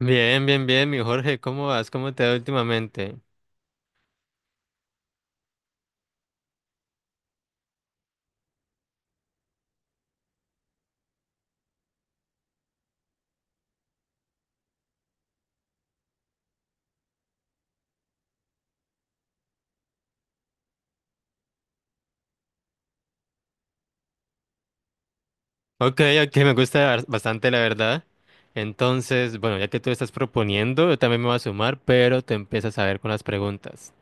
Bien, bien, bien, mi Jorge, ¿cómo vas? ¿Cómo te va últimamente? Ok, ok, me gusta bastante, la verdad. Entonces, bueno, ya que tú estás proponiendo, yo también me voy a sumar, pero te empiezas a ver con las preguntas.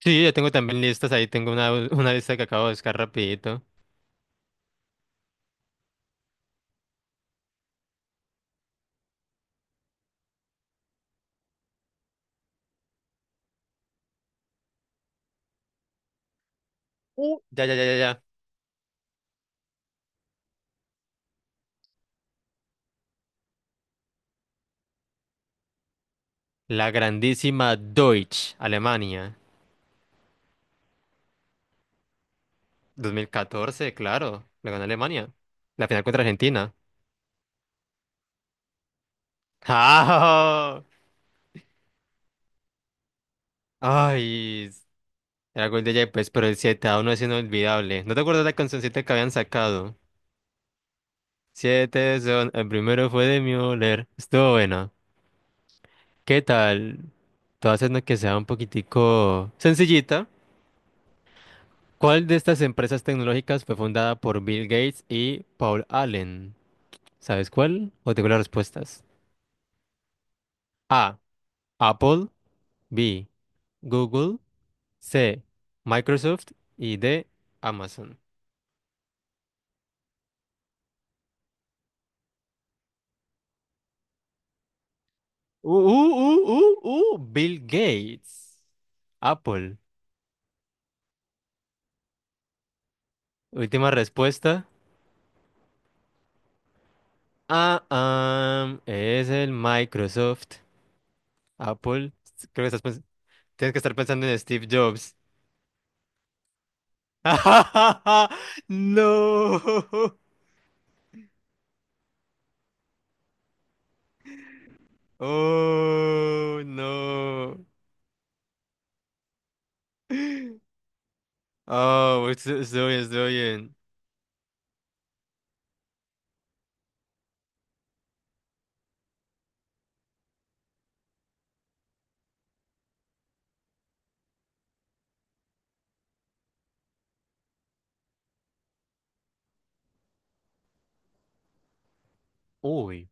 Sí, ya tengo también listas, ahí tengo una lista que acabo de buscar rapidito. Ya, ya, ya, ya, ya. La grandísima Deutsch, Alemania. 2014, claro, la ganó Alemania. La final contra Argentina. ¡Ah! Ay, era gol de Yepes, pero el siete a 1 es inolvidable. ¿No te acuerdas la cancioncita que habían sacado? Siete son, el primero fue de Müller. Estuvo bueno. ¿Qué tal? Todo haciendo que sea un poquitico sencillita. ¿Cuál de estas empresas tecnológicas fue fundada por Bill Gates y Paul Allen? ¿Sabes cuál? O tengo las respuestas. A. Apple. B. Google. C. Microsoft. Y D. Amazon. Bill Gates. Apple. Última respuesta. Ah, es el Microsoft. Apple. Creo que tienes que estar pensando en Steve Jobs. No. Oh, no. Oh, estoy bien, estoy bien. Uy.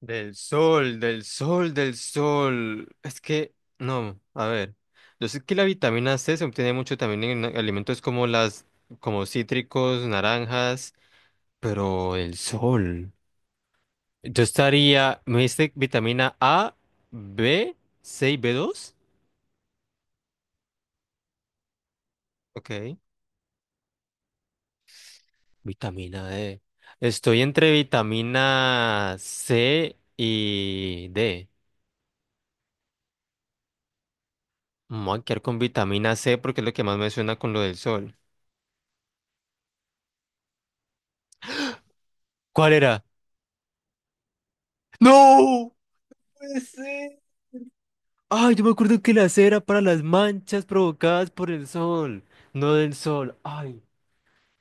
Del sol, del sol, del sol. Es que, no, a ver. Yo sé que la vitamina C se obtiene mucho también en alimentos como cítricos, naranjas, pero el sol. Yo estaría, me dice vitamina A, B, C y B2. Ok. Vitamina D. Estoy entre vitamina C y D. Me voy a quedar con vitamina C porque es lo que más me suena con lo del sol. ¿Cuál era? ¡No! Puede ser. Ay, yo me acuerdo que la cera para las manchas provocadas por el sol, no del sol. Ay,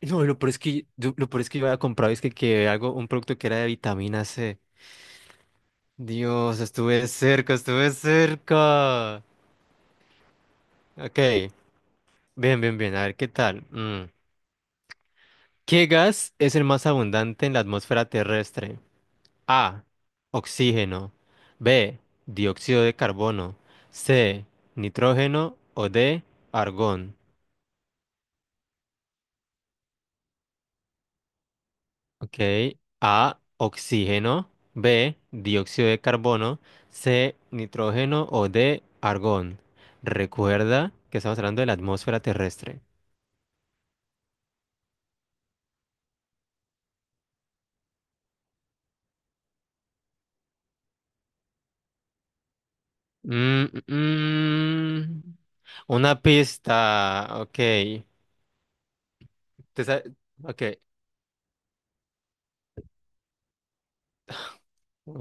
no, lo peor es que yo, lo peor es que yo había comprado es que algo, un producto que era de vitamina C. Dios, estuve cerca, estuve cerca. Ok, bien, bien, bien, a ver qué tal. Mm. ¿Qué gas es el más abundante en la atmósfera terrestre? A, oxígeno. B, dióxido de carbono. C, nitrógeno o D, argón. Ok. A, oxígeno. B, dióxido de carbono. C, nitrógeno. O D, argón. Recuerda que estamos hablando de la atmósfera terrestre. Mm, mm. Una pista. Ok. Te sa- ok.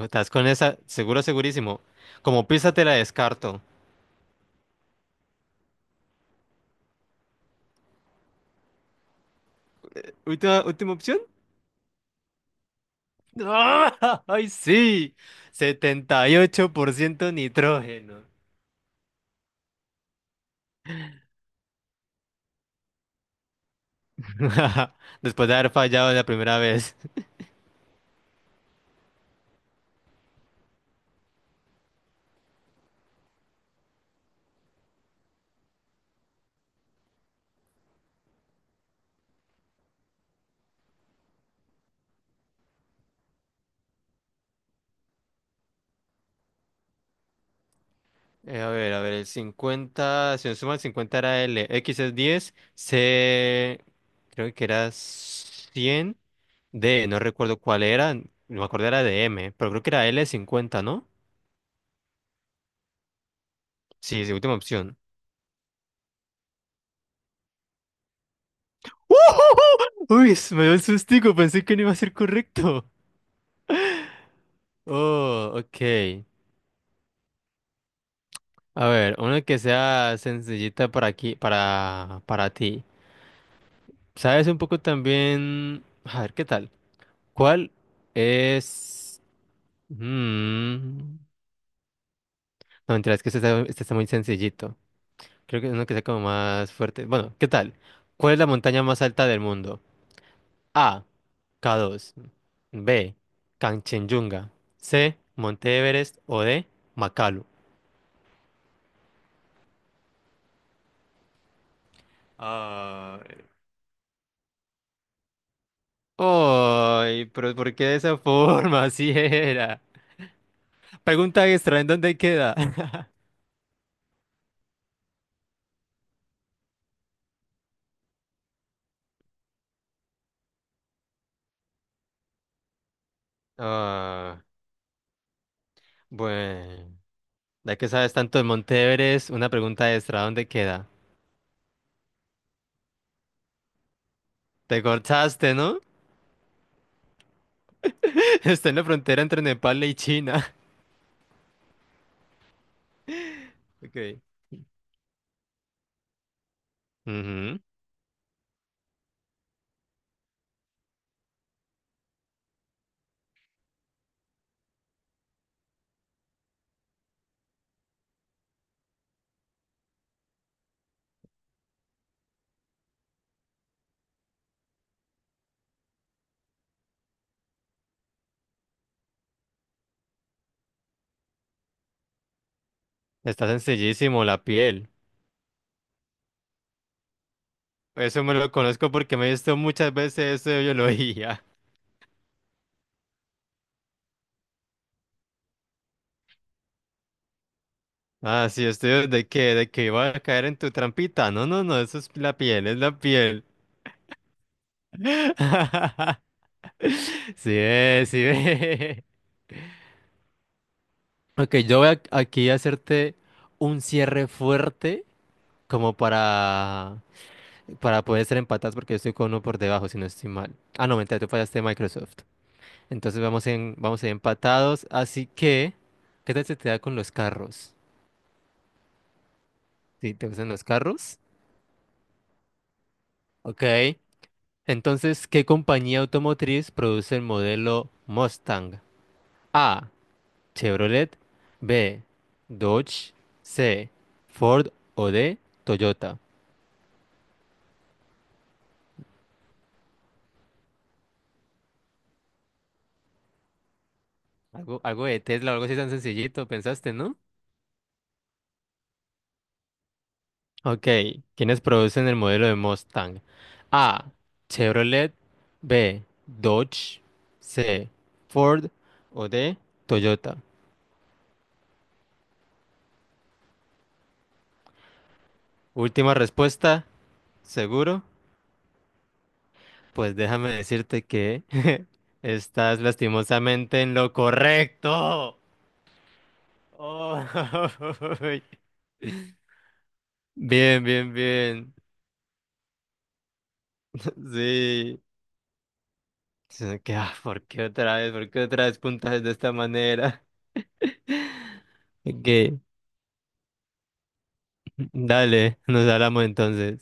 ¿Estás con esa? Seguro, segurísimo. Como pista te la descarto. Última, última opción. ¡Ah! ¡Ay, sí! 78% nitrógeno. Después de haber fallado la primera vez. A ver, a ver, el 50, si no suma el 50 era L, X es 10, C creo que era 100, D no recuerdo cuál era, no me acuerdo era de M, pero creo que era L 50, ¿no? Sí, es última opción. Uy, se me dio el sustico, pensé que no iba a ser correcto. Oh, ok. A ver, una que sea sencillita para aquí, para ti. ¿Sabes un poco también? A ver, ¿qué tal? ¿Cuál es? Mm, no, mentira, es que este está muy sencillito. Creo que es uno que sea como más fuerte. Bueno, ¿qué tal? ¿Cuál es la montaña más alta del mundo? A. K2. B. Kanchenjunga. C. Monte Everest. O D. Makalu. Ah, ay, pero ¿por qué de esa forma? Así era. Pregunta extra, ¿en dónde queda? Ah, bueno. Ya que sabes tanto de Monteveres, una pregunta extra, ¿dónde queda? Te cortaste, ¿no? Está en la frontera entre Nepal y China. Ok. Ujú. Está sencillísimo, la piel. Eso me lo conozco porque me he visto muchas veces eso de biología. Ah, sí, estoy de que iba a caer en tu trampita. No, no, no, eso es la piel, es la piel. Sí, es, sí, es. Ok, yo aquí a hacerte un cierre fuerte como para poder ser empatados porque yo estoy con uno por debajo, si no estoy mal. Ah, no, mentira, tú fallaste Microsoft. Entonces vamos a ir empatados, así que, ¿qué tal se te da con los carros? ¿Sí, te gustan los carros? Ok. Entonces, ¿qué compañía automotriz produce el modelo Mustang? A. Chevrolet. B. Dodge. C. Ford o D. Toyota. Algo de Tesla, algo así tan sencillito, pensaste, ¿no? Ok, ¿quiénes producen el modelo de Mustang? A. Chevrolet. B. Dodge. C. Ford. O D. Toyota. Última respuesta. ¿Seguro? Pues déjame decirte que estás lastimosamente en lo correcto. Oh, bien, bien, bien. Sí. Sino que, ¿por qué otra vez? ¿Por qué otra vez puntajes de esta manera? Ok. Dale, nos hablamos entonces.